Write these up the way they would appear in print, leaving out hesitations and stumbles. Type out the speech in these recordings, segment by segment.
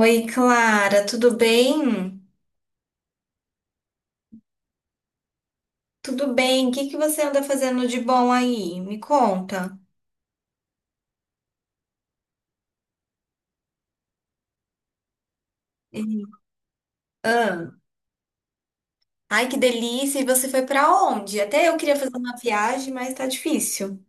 Oi, Clara, tudo bem? Tudo bem. O que que você anda fazendo de bom aí? Me conta. Uhum. Ah, ai, que delícia! E você foi pra onde? Até eu queria fazer uma viagem, mas tá difícil.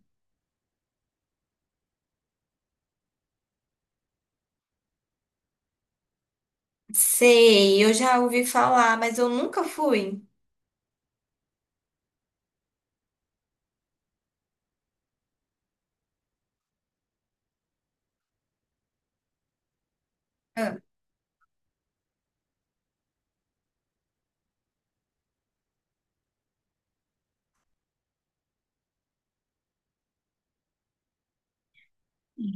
Sei, eu já ouvi falar, mas eu nunca fui. Ah.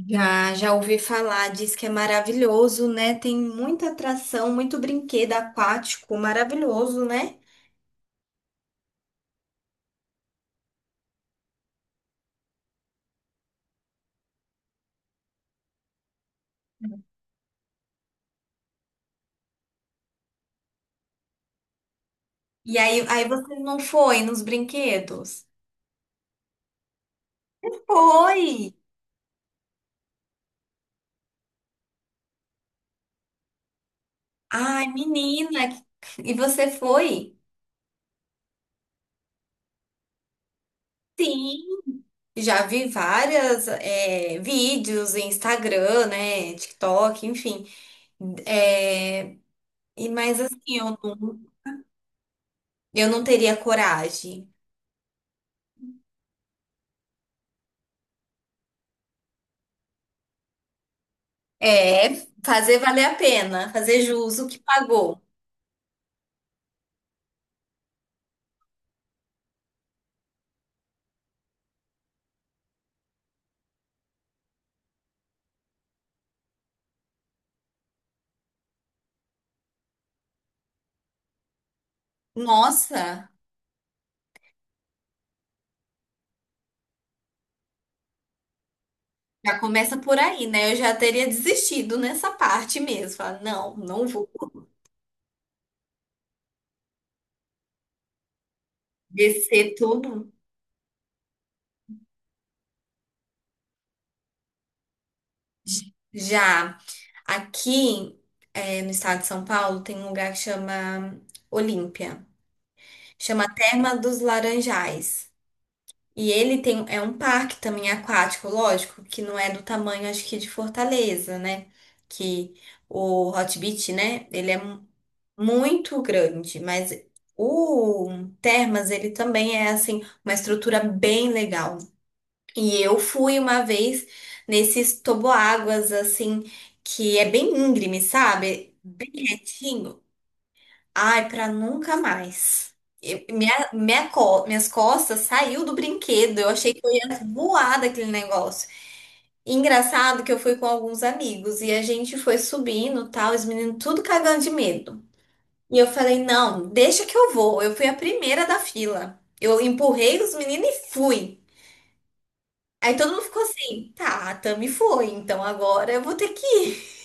Já, já ouvi falar, diz que é maravilhoso, né? Tem muita atração, muito brinquedo aquático, maravilhoso, né? E aí você não foi nos brinquedos? Foi! Ai, menina, e você foi? Sim. Já vi várias vídeos em Instagram, né, TikTok, enfim. É, e mas assim, eu não, eu não teria coragem. É, fazer valer a pena, fazer jus o que pagou. Nossa, já começa por aí, né? Eu já teria desistido nessa parte mesmo. Falar, não, não vou descer tudo. Já. Aqui, no estado de São Paulo, tem um lugar que chama Olímpia. Chama Terma dos Laranjais. E ele tem, é um parque também aquático, lógico, que não é do tamanho, acho que, de Fortaleza, né? Que o Hot Beach, né? Ele é muito grande, mas o Termas, ele também é, assim, uma estrutura bem legal. E eu fui uma vez nesses toboáguas, assim, que é bem íngreme, sabe? Bem retinho. Ai, pra nunca mais. Minhas costas saiu do brinquedo. Eu achei que eu ia voar daquele negócio. E engraçado que eu fui com alguns amigos e a gente foi subindo, tal, os meninos tudo cagando de medo. E eu falei, não, deixa que eu vou. Eu fui a primeira da fila. Eu empurrei os meninos e fui. Aí todo mundo ficou assim, tá, a Tami foi, então agora eu vou ter que ir.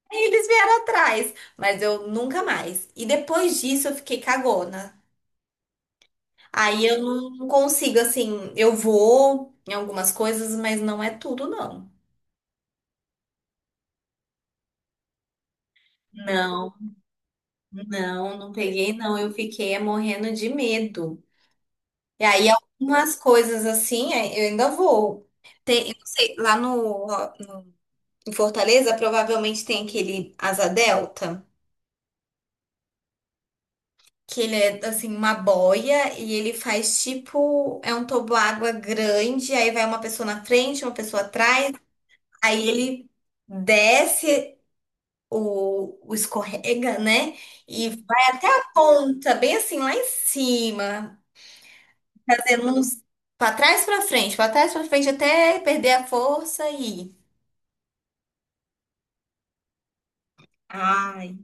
Aí eles vieram atrás, mas eu nunca mais. E depois disso eu fiquei cagona. Aí eu não consigo, assim, eu vou em algumas coisas, mas não é tudo, não. Não, não, não peguei, não. Eu fiquei morrendo de medo. E aí algumas coisas assim, é, eu ainda vou. Tem, eu não sei, lá no, em Fortaleza provavelmente tem aquele Asa Delta. Que ele é assim uma boia e ele faz tipo é um toboágua grande, aí vai uma pessoa na frente, uma pessoa atrás, aí ele desce o escorrega, né? E vai até a ponta, bem assim lá em cima, fazendo uns para trás para frente, para trás para frente até perder a força e ai,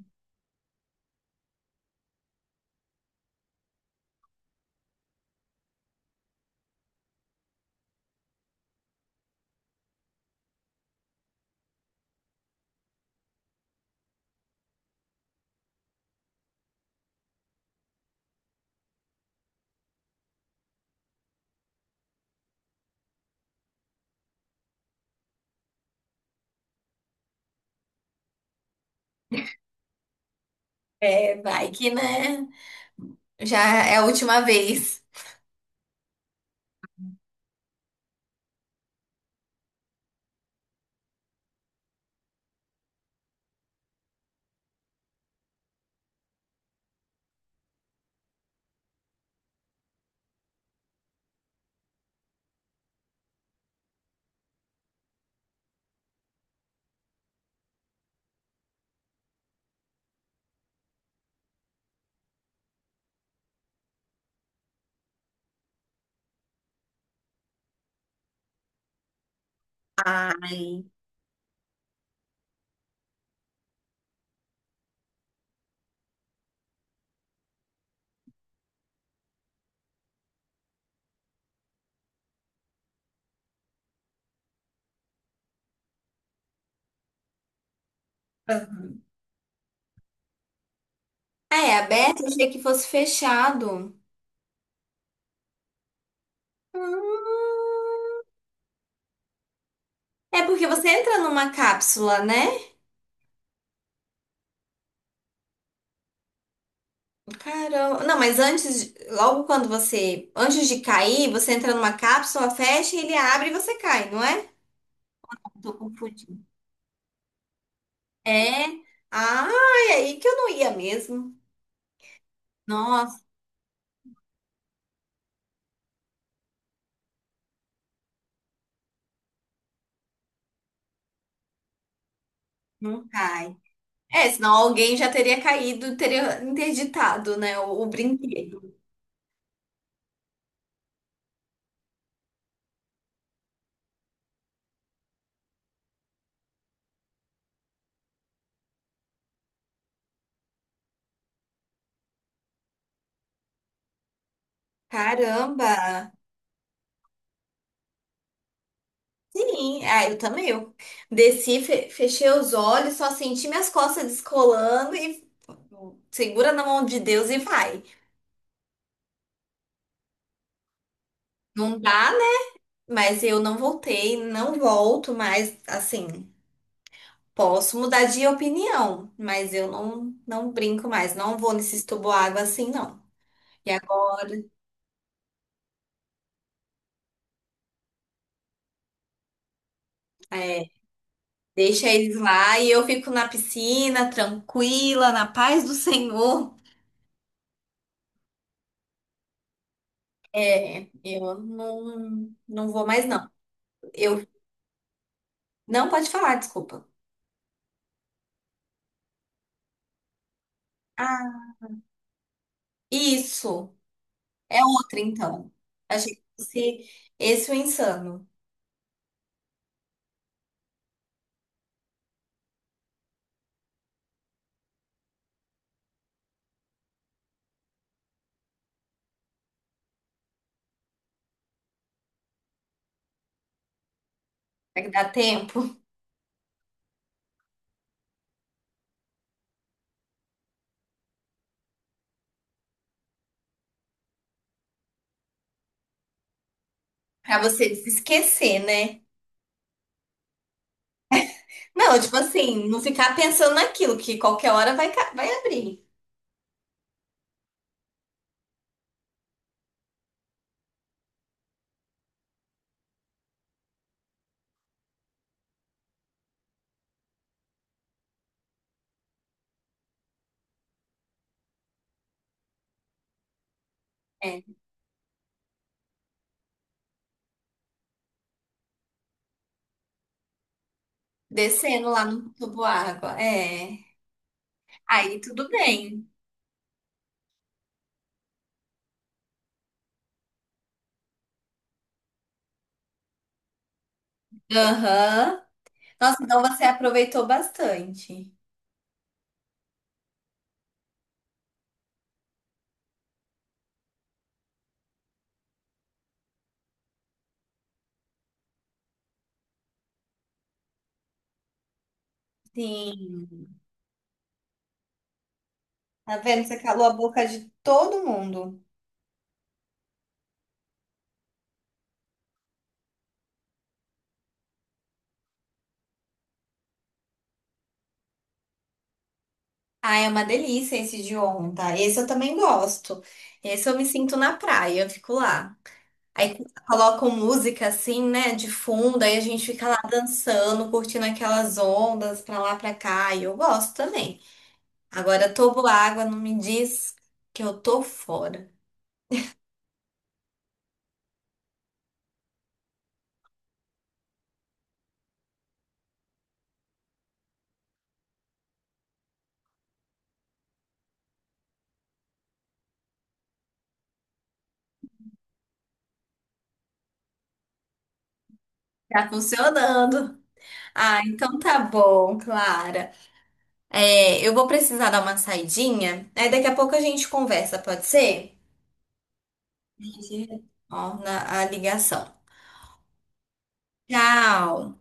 é, vai que né? Já é a última vez. Ai. Ah, é aberto, eu achei que fosse fechado. Ah. É porque você entra numa cápsula, né? Caramba. Não, mas antes, logo quando você, antes de cair, você entra numa cápsula, fecha, ele abre e você cai, não é? Tô confundindo. É. Ah, é aí que eu não ia mesmo. Nossa, não cai. É, senão alguém já teria caído, teria interditado, né, o brinquedo. Caramba. Sim, ah, eu também. Eu desci, fechei os olhos, só senti minhas costas descolando e segura na mão de Deus e vai. Não dá, né? Mas eu não voltei, não volto mais, assim, posso mudar de opinião, mas eu não, não brinco mais, não vou nesses tubo água assim, não. E agora, é, deixa eles lá e eu fico na piscina, tranquila, na paz do Senhor. É, eu não, não vou mais, não. Eu não pode falar, desculpa. Ah, isso. É outra, então. Achei que fosse esse o insano. Será que dá tempo? Pra você se esquecer, né? Não, tipo assim, não ficar pensando naquilo, que qualquer hora vai, vai abrir. É. Descendo lá no tubo água. É. Aí tudo bem. Aham. Nossa, então você aproveitou bastante. Sim. Tá vendo? Você calou a boca de todo mundo. Ah, é uma delícia esse de onda. Esse eu também gosto. Esse eu me sinto na praia, eu fico lá. Aí colocam música assim, né, de fundo, aí a gente fica lá dançando, curtindo aquelas ondas pra lá, pra cá, e eu gosto também. Agora, tobo água, não me diz que eu tô fora. Tá funcionando. Ah, então tá bom, Clara. É, eu vou precisar dar uma saidinha, aí daqui a pouco a gente conversa, pode ser? A gente retorna a ligação. Tchau!